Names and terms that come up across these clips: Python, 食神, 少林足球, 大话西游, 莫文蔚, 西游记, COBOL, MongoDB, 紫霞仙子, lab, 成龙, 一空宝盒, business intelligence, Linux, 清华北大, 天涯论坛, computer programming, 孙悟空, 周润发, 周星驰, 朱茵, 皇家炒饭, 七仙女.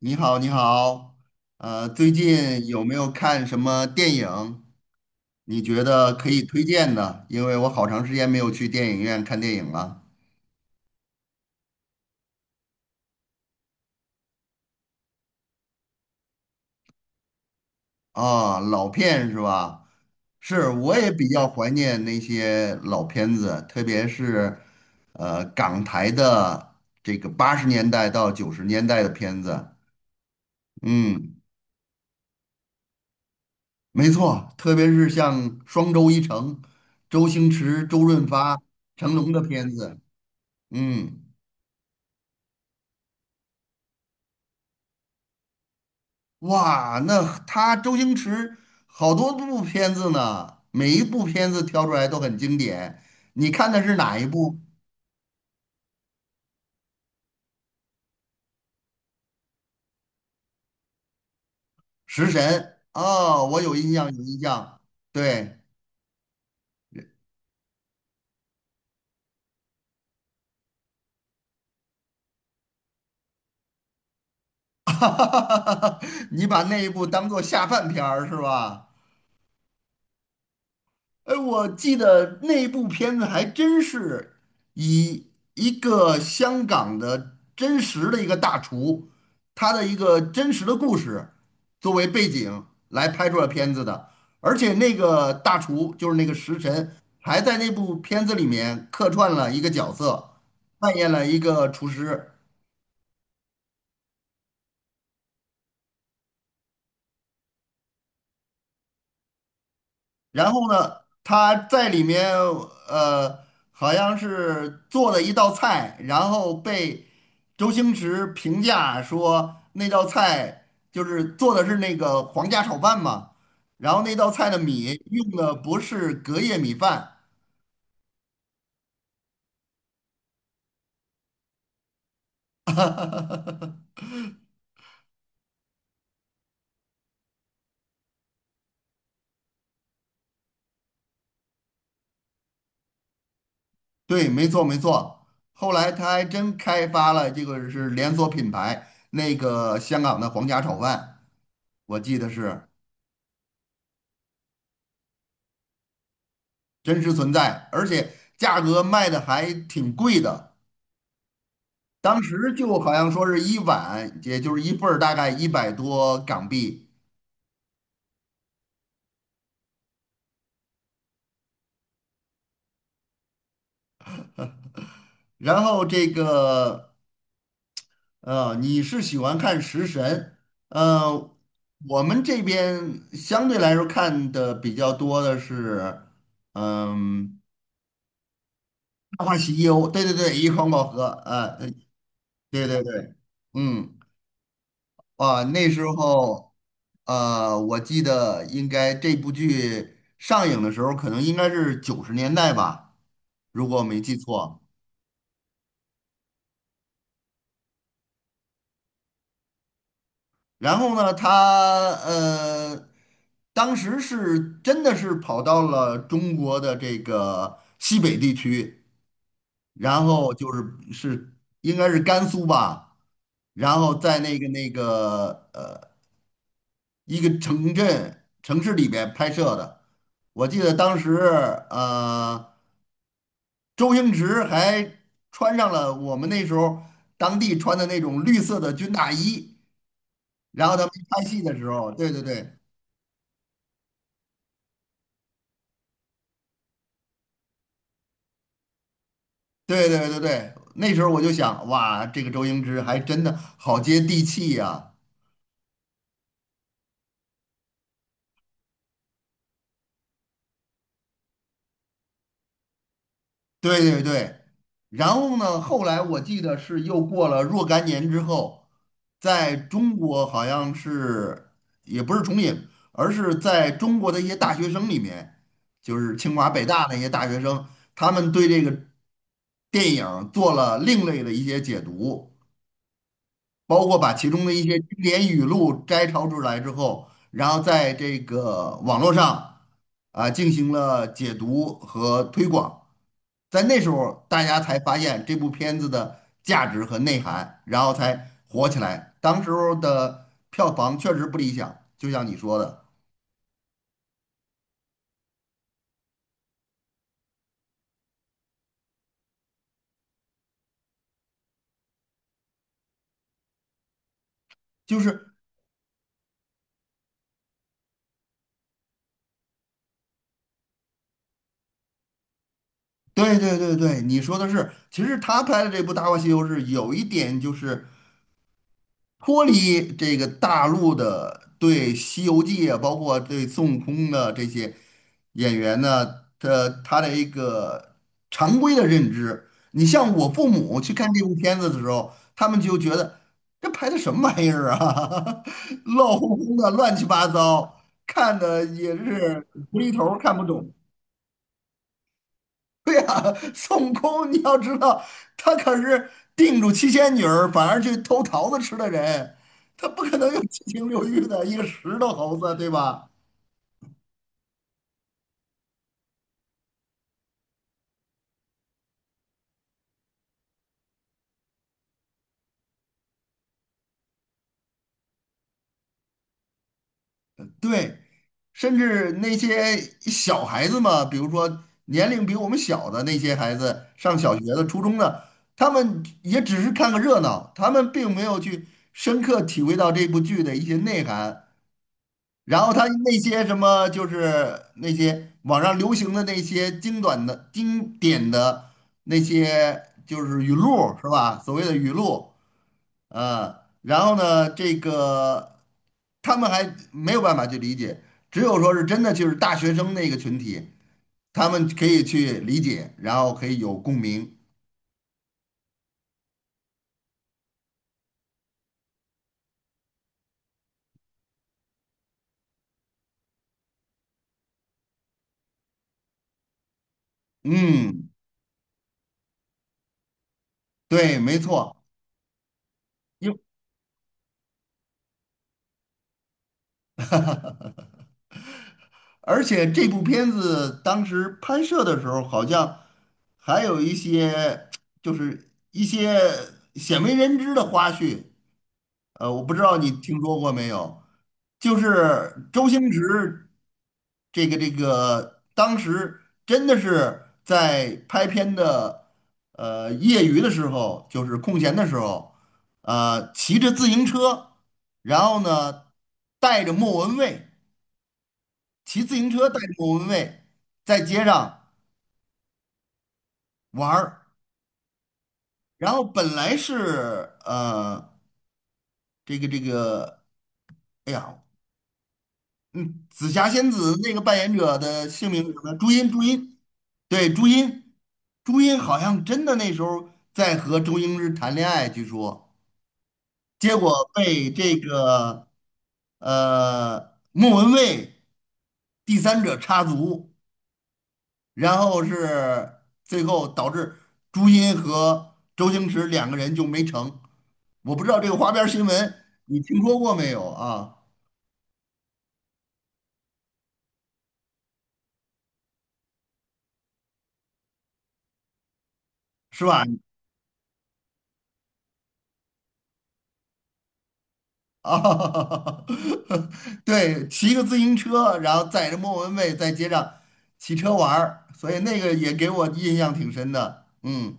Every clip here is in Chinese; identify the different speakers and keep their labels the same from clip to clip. Speaker 1: 你好，你好，最近有没有看什么电影？你觉得可以推荐的？因为我好长时间没有去电影院看电影了。啊，老片是吧？是，我也比较怀念那些老片子，特别是港台的这个80年代到九十年代的片子。嗯，没错，特别是像双周一成、周星驰、周润发、成龙的片子。嗯。哇，那他周星驰好多部片子呢，每一部片子挑出来都很经典。你看的是哪一部？《食神》哦，我有印象，有印象。对，你把那一部当做下饭片儿是吧？哎，我记得那部片子还真是以一个香港的真实的一个大厨，他的一个真实的故事作为背景来拍出了片子的，而且那个大厨就是那个食神，还在那部片子里面客串了一个角色，扮演了一个厨师。然后呢，他在里面呃，好像是做了一道菜，然后被周星驰评价说那道菜就是做的是那个皇家炒饭嘛，然后那道菜的米用的不是隔夜米饭，对，没错没错。后来他还真开发了这个是连锁品牌，那个香港的皇家炒饭，我记得是。真实存在，而且价格卖的还挺贵的。当时就好像说是一碗，也就是一份儿，大概100多港币。然后这个你是喜欢看食神，呃，我们这边相对来说看的比较多的是，嗯，大话西游，对对对，一空宝盒。对对对，嗯。啊，那时候，我记得应该这部剧上映的时候，可能应该是九十年代吧，如果我没记错。然后呢，他当时是真的是跑到了中国的这个西北地区，然后就是应该是甘肃吧，然后在那个一个城镇城市里边拍摄的。我记得当时，呃。周星驰还穿上了我们那时候当地穿的那种绿色的军大衣，然后他们拍戏的时候，对对对对对对对，那时候我就想，哇，这个周星驰还真的好接地气呀、对对对，然后呢，后来我记得是又过了若干年之后，在中国好像是也不是重影，而是在中国的一些大学生里面，就是清华北大那些大学生，他们对这个电影做了另类的一些解读，包括把其中的一些经典语录摘抄出来之后，然后在这个网络上啊进行了解读和推广。在那时候，大家才发现这部片子的价值和内涵，然后才火起来。当时候的票房确实不理想，就像你说的，就是对对对对，你说的是，其实他拍的这部《大话西游》是有一点就是脱离这个大陆的对《西游记》啊，包括对孙悟空的这些演员呢，他的一个常规的认知。你像我父母去看这部片子的时候，他们就觉得这拍的什么玩意儿啊，乱哄哄的，乱七八糟，看的也是无厘头儿看不懂。对呀，孙悟空，你要知道，他可是定住七仙女儿，反而去偷桃子吃的人，他不可能有七情六欲的，一个石头猴子，对吧？对，甚至那些小孩子嘛，比如说年龄比我们小的那些孩子，上小学的、初中的，他们也只是看个热闹，他们并没有去深刻体会到这部剧的一些内涵。然后他那些什么，就是那些网上流行的那些精短的、经典的那些，就是语录是吧？所谓的语录，呃，然后呢，这个他们还没有办法去理解，只有说是真的就是大学生那个群体，他们可以去理解，然后可以有共鸣。嗯，对，没错。而且这部片子当时拍摄的时候，好像还有一些 就是一些鲜为人知的花絮，我不知道你听说过没有？就是周星驰这个，当时真的是在拍片的业余的时候，就是空闲的时候，骑着自行车，然后呢带着莫文蔚。骑自行车带着莫文蔚在街上玩儿，然后本来是这个，哎呀，嗯，紫霞仙子那个扮演者的姓名是什么？朱茵，朱茵，对，朱茵，朱茵好像真的那时候在和周星驰谈恋爱，据说，结果被这个莫文蔚第三者插足。然后是最后导致朱茵和周星驰两个人就没成。我不知道这个花边新闻你听说过没有啊？是吧？啊，对，骑个自行车，然后载着莫文蔚在街上骑车玩儿，所以那个也给我印象挺深的。嗯，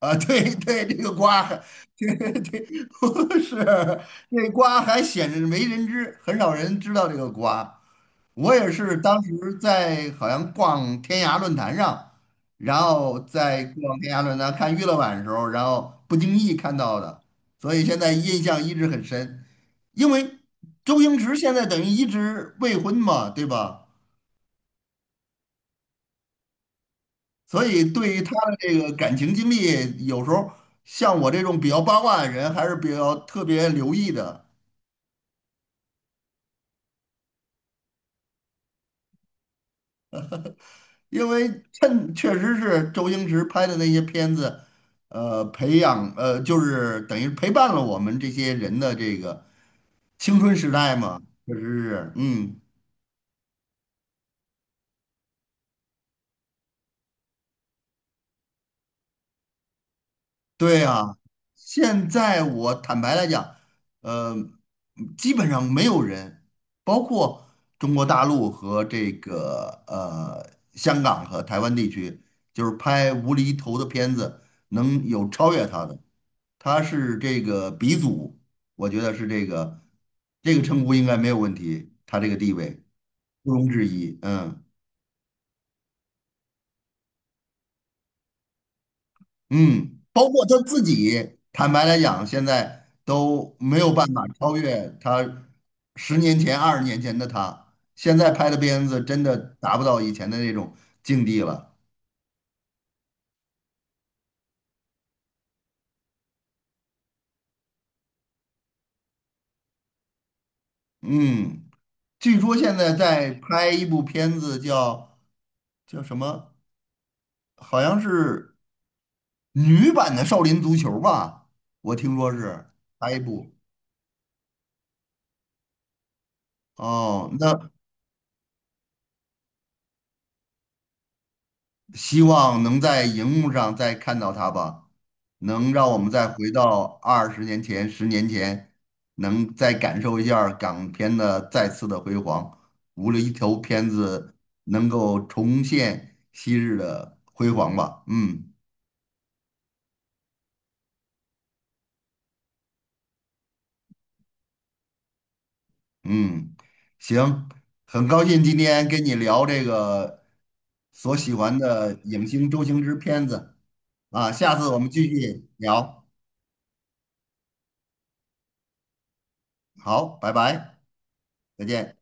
Speaker 1: 啊，对对，这个瓜对对，不 是这瓜还显着没人知，很少人知道这个瓜。我也是当时在好像逛天涯论坛上，然后在逛天涯论坛看娱乐版的时候，然后不经意看到的，所以现在印象一直很深。因为周星驰现在等于一直未婚嘛，对吧？所以对于他的这个感情经历，有时候像我这种比较八卦的人，还是比较特别留意的。因为趁确实是周星驰拍的那些片子，培养就是等于陪伴了我们这些人的这个青春时代嘛，确实是，嗯。对啊，现在我坦白来讲，呃，基本上没有人，包括中国大陆和这个香港和台湾地区，就是拍无厘头的片子能有超越他的，他是这个鼻祖，我觉得是这个称呼应该没有问题，他这个地位毋庸置疑，嗯。嗯，包括他自己，坦白来讲，现在都没有办法超越他十年前、二十年前的他。现在拍的片子真的达不到以前的那种境地了。嗯，据说现在在拍一部片子叫什么？好像是女版的《少林足球》吧？我听说是拍一部。哦，那希望能在荧幕上再看到他吧，能让我们再回到二十年前、十年前，能再感受一下儿港片的再次的辉煌。无论一条片子能够重现昔日的辉煌吧。嗯嗯，行，很高兴今天跟你聊这个所喜欢的影星周星驰片子啊，下次我们继续聊。好，拜拜，再见。